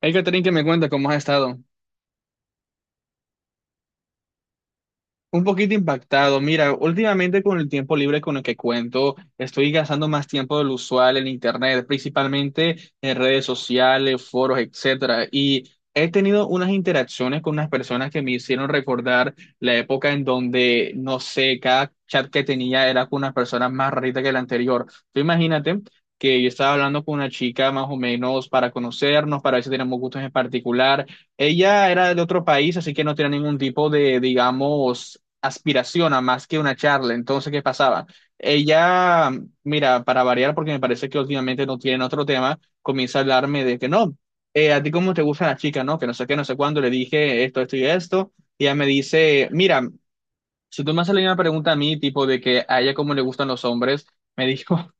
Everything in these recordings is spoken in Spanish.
Hey que me cuenta cómo has estado. Un poquito impactado. Mira, últimamente con el tiempo libre con el que cuento, estoy gastando más tiempo del usual en internet, principalmente en redes sociales, foros, etcétera. Y he tenido unas interacciones con unas personas que me hicieron recordar la época en donde, no sé, cada chat que tenía era con una persona más rarita que la anterior. Tú imagínate que yo estaba hablando con una chica más o menos para conocernos, para ver si tenemos gustos en particular. Ella era de otro país, así que no tenía ningún tipo de, digamos, aspiración a más que una charla. Entonces, ¿qué pasaba? Ella, mira, para variar, porque me parece que últimamente no tienen otro tema, comienza a hablarme de que no, a ti cómo te gusta la chica, ¿no? Que no sé qué, no sé cuándo, le dije esto, esto y esto, y ella me dice, mira, si tú me haces la misma pregunta a mí, tipo de que a ella cómo le gustan los hombres, me dijo,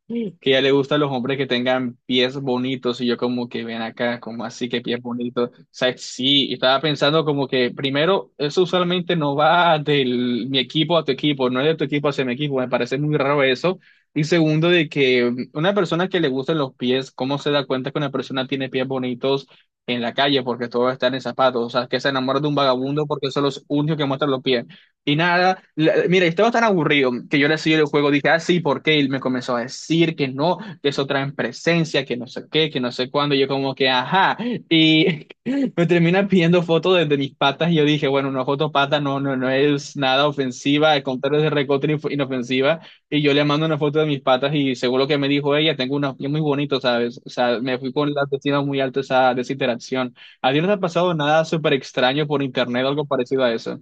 que ya le gustan los hombres que tengan pies bonitos y yo como que ven acá, como así que pies bonitos. O sea, sí, y estaba pensando como que primero, eso usualmente no va del mi equipo a tu equipo, no es de tu equipo hacia mi equipo, me parece muy raro eso. Y segundo, de que una persona que le gustan los pies, ¿cómo se da cuenta que una persona tiene pies bonitos en la calle porque todo está en zapatos? O sea, que se enamora de un vagabundo porque son los únicos que muestran los pies. Y nada, mira, estaba tan aburrido que yo le seguí el juego, dije, ah, sí, ¿por qué? Y me comenzó a decir que no, que eso trae presencia, que no sé qué, que no sé cuándo, y yo como que, ajá, y me termina pidiendo fotos de mis patas, y yo dije, bueno, una foto pata no, no, no es nada ofensiva, al contrario es de recontra inofensiva, y yo le mando una foto de mis patas, y según lo que me dijo ella, tengo unos pies muy bonitos, ¿sabes? O sea, me fui con la autoestima muy alta esa, de esa interacción. ¿A ti no te ha pasado nada súper extraño por internet o algo parecido a eso?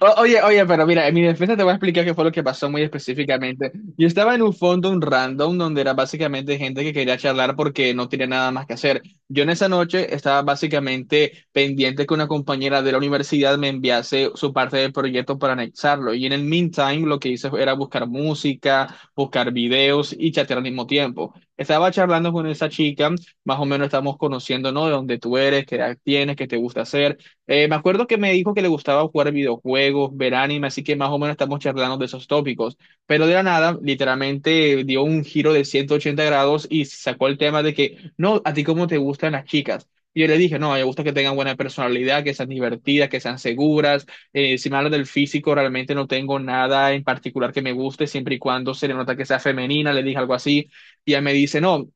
Oye, oye, pero mira, en mi defensa te voy a explicar qué fue lo que pasó muy específicamente. Yo estaba en un fondo, un random, donde era básicamente gente que quería charlar porque no tenía nada más que hacer. Yo en esa noche estaba básicamente pendiente que una compañera de la universidad me enviase su parte del proyecto para anexarlo. Y en el meantime, lo que hice era buscar música, buscar videos y chatear al mismo tiempo. Estaba charlando con esa chica, más o menos estamos conociendo, ¿no? De dónde tú eres, qué edad tienes, qué te gusta hacer. Me acuerdo que me dijo que le gustaba jugar videojuegos, ver anime, así que más o menos estamos charlando de esos tópicos. Pero de la nada, literalmente dio un giro de 180 grados y sacó el tema de que, no, ¿a ti cómo te gustan las chicas? Y yo le dije, no, me gusta que tengan buena personalidad, que sean divertidas, que sean seguras. Si me hablas del físico, realmente no tengo nada en particular que me guste, siempre y cuando se le nota que sea femenina, le dije algo así. Y ella me dice, no,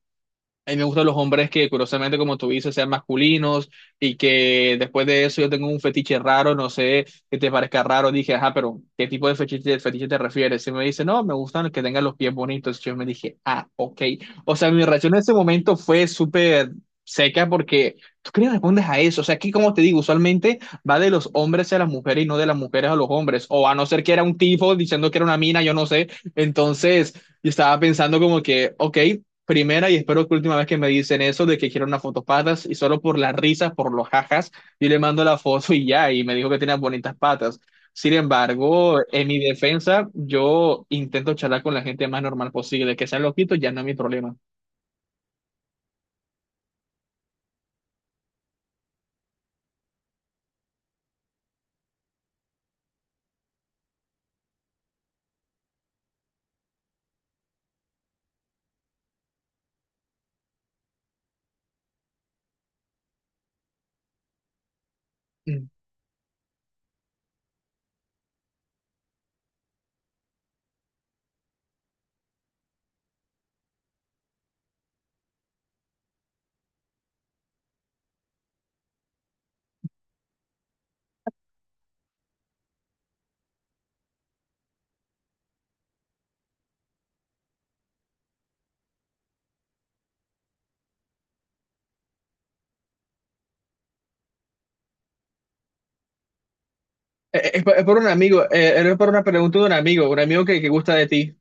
a mí me gustan los hombres que, curiosamente, como tú dices, sean masculinos y que después de eso yo tengo un fetiche raro, no sé, que te parezca raro. Dije, ajá, pero ¿qué tipo de fetiche te refieres? Y me dice, no, me gustan que tengan los pies bonitos. Yo me dije, ah, ok. O sea, mi reacción en ese momento fue súper seca porque tú qué le respondes a eso. O sea, aquí, como te digo, usualmente va de los hombres a las mujeres y no de las mujeres a los hombres. O a no ser que era un tipo diciendo que era una mina, yo no sé. Entonces. Y estaba pensando como que, ok, primera y espero que última vez que me dicen eso de que quiero unas fotos patas y solo por las risas, por los jajas, yo le mando la foto y ya, y me dijo que tenía bonitas patas. Sin embargo, en mi defensa, yo intento charlar con la gente más normal posible, que sean loquitos ya no es mi problema. Mm. Es, por es por un amigo, es por una pregunta de un amigo que gusta de ti.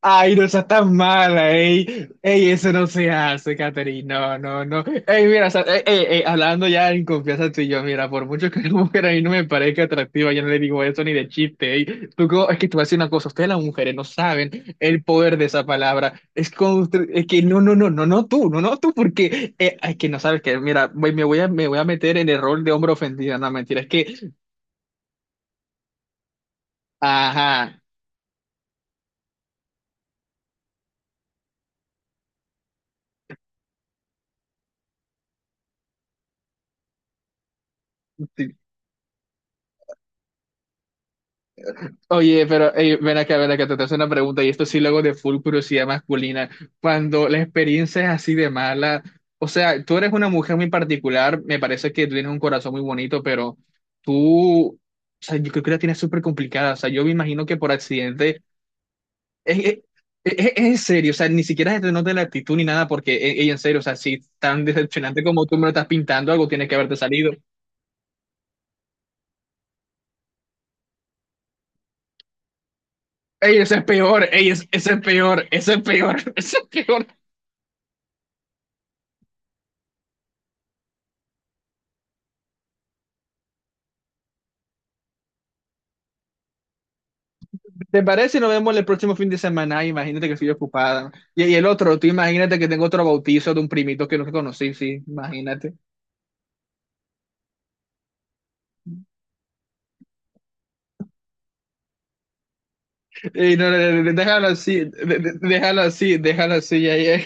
Ay, no seas tan mala, ey. Ey, eso no se hace, Catherine. No, no, no. Ey, mira, o sea, ey, ey, ey, hablando ya en confianza tú y yo, mira, por mucho que la mujer a mí no me parezca atractiva, yo no le digo eso ni de chiste, ey. Tú, es que te voy a decir una cosa, ustedes las mujeres no saben el poder de esa palabra. Es, con es que no, no, no, no, no tú, no, no tú, porque es que no sabes que, mira, me me voy a meter en el rol de hombre ofendido, no, mentira, es que, ajá. Oye, pero ven acá, te hace una pregunta, y esto sí luego de full curiosidad masculina. Cuando la experiencia es así de mala, o sea, tú eres una mujer muy particular, me parece que tú tienes un corazón muy bonito, pero tú, o sea, yo creo que la tienes súper complicada, o sea, yo me imagino que por accidente, es, es, es en serio, o sea, ni siquiera se te nota la actitud ni nada, porque, en serio, o sea, si tan decepcionante como tú me lo estás pintando, algo tiene que haberte salido. Ey, ese es peor, ey, ese es peor, ese es peor. ¿Te parece? Si nos vemos el próximo fin de semana. Ay, imagínate que estoy ocupada. Y el otro, tú imagínate que tengo otro bautizo de un primito que nunca conocí, sí, imagínate. Y no, no, no, no, déjalo así, déjalo así, déjalo así. Ya, ya.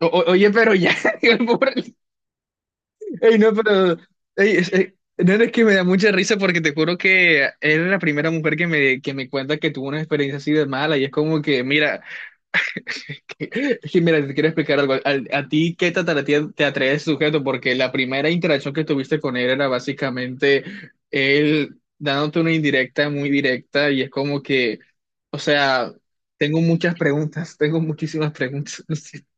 Oye, pero ya, el ey, no, pero... ey, no, no, es que me da mucha risa porque te juro que eres la primera mujer que me cuenta que tuvo una experiencia así de mala y es como que, mira, es mira, te quiero explicar algo. ¿A ti qué te atrae ese sujeto? Porque la primera interacción que tuviste con él era básicamente él dándote una indirecta muy directa y es como que, o sea, tengo muchas preguntas, tengo muchísimas preguntas. No.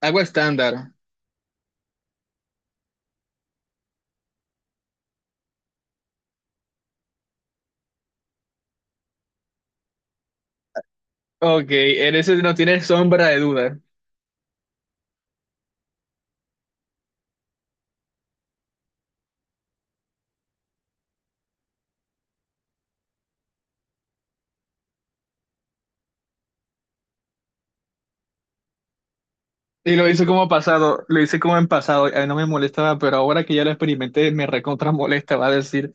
Algo estándar. Ok, en ese no tiene sombra de duda. Y lo hice como pasado, lo hice como en pasado, a mí no me molestaba, pero ahora que ya lo experimenté, me recontra molesta, va a decir.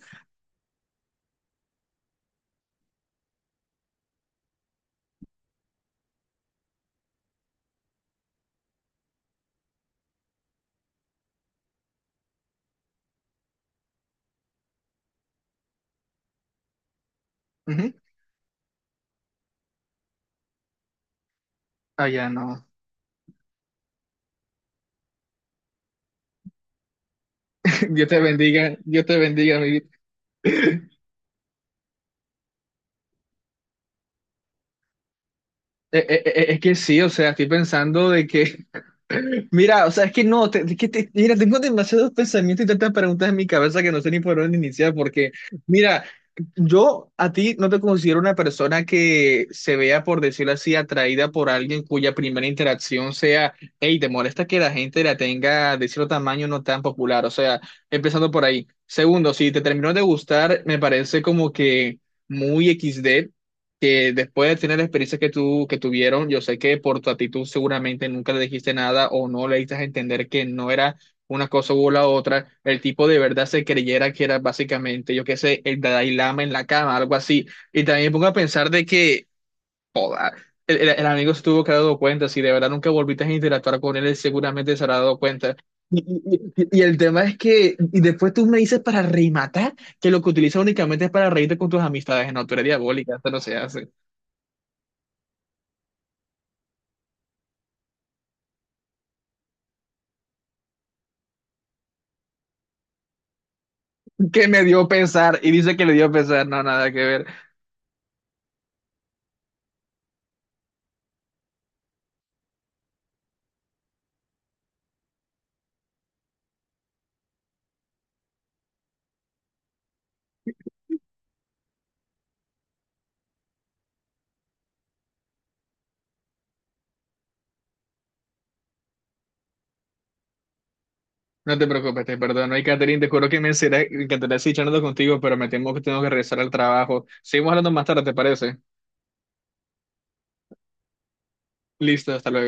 Ujú. Ah, ya no. Dios te bendiga, mi vida. Es que sí, o sea, estoy pensando de que, mira, o sea, es que no, es que mira, tengo demasiados pensamientos y tantas preguntas en mi cabeza que no sé ni por dónde iniciar, porque, mira, yo a ti no te considero una persona que se vea, por decirlo así, atraída por alguien cuya primera interacción sea, hey, te molesta que la gente la tenga de cierto tamaño no tan popular, o sea, empezando por ahí. Segundo, si te terminó de gustar, me parece como que muy XD que después de tener la experiencia que tú que tuvieron, yo sé que por tu actitud seguramente nunca le dijiste nada o no le diste a entender que no era una cosa u la otra, el tipo de verdad se creyera que era básicamente, yo qué sé, el Dalai Lama en la cama, algo así. Y también me pongo a pensar de que el amigo se tuvo que haber dado cuenta, si de verdad nunca volviste a interactuar con él, él seguramente se habrá dado cuenta. Y, y el tema es que, y después tú me dices para rematar que lo que utilizas únicamente es para reírte con tus amistades, no, tú eres diabólica, esto no se hace. Que me dio pesar y dice que le dio pesar, no, nada que ver. No te preocupes, te perdono. Y Catherine, te juro que me encantaría encantará seguir charlando contigo, pero me temo que tengo que regresar al trabajo. Seguimos hablando más tarde, ¿te parece? Listo, hasta luego.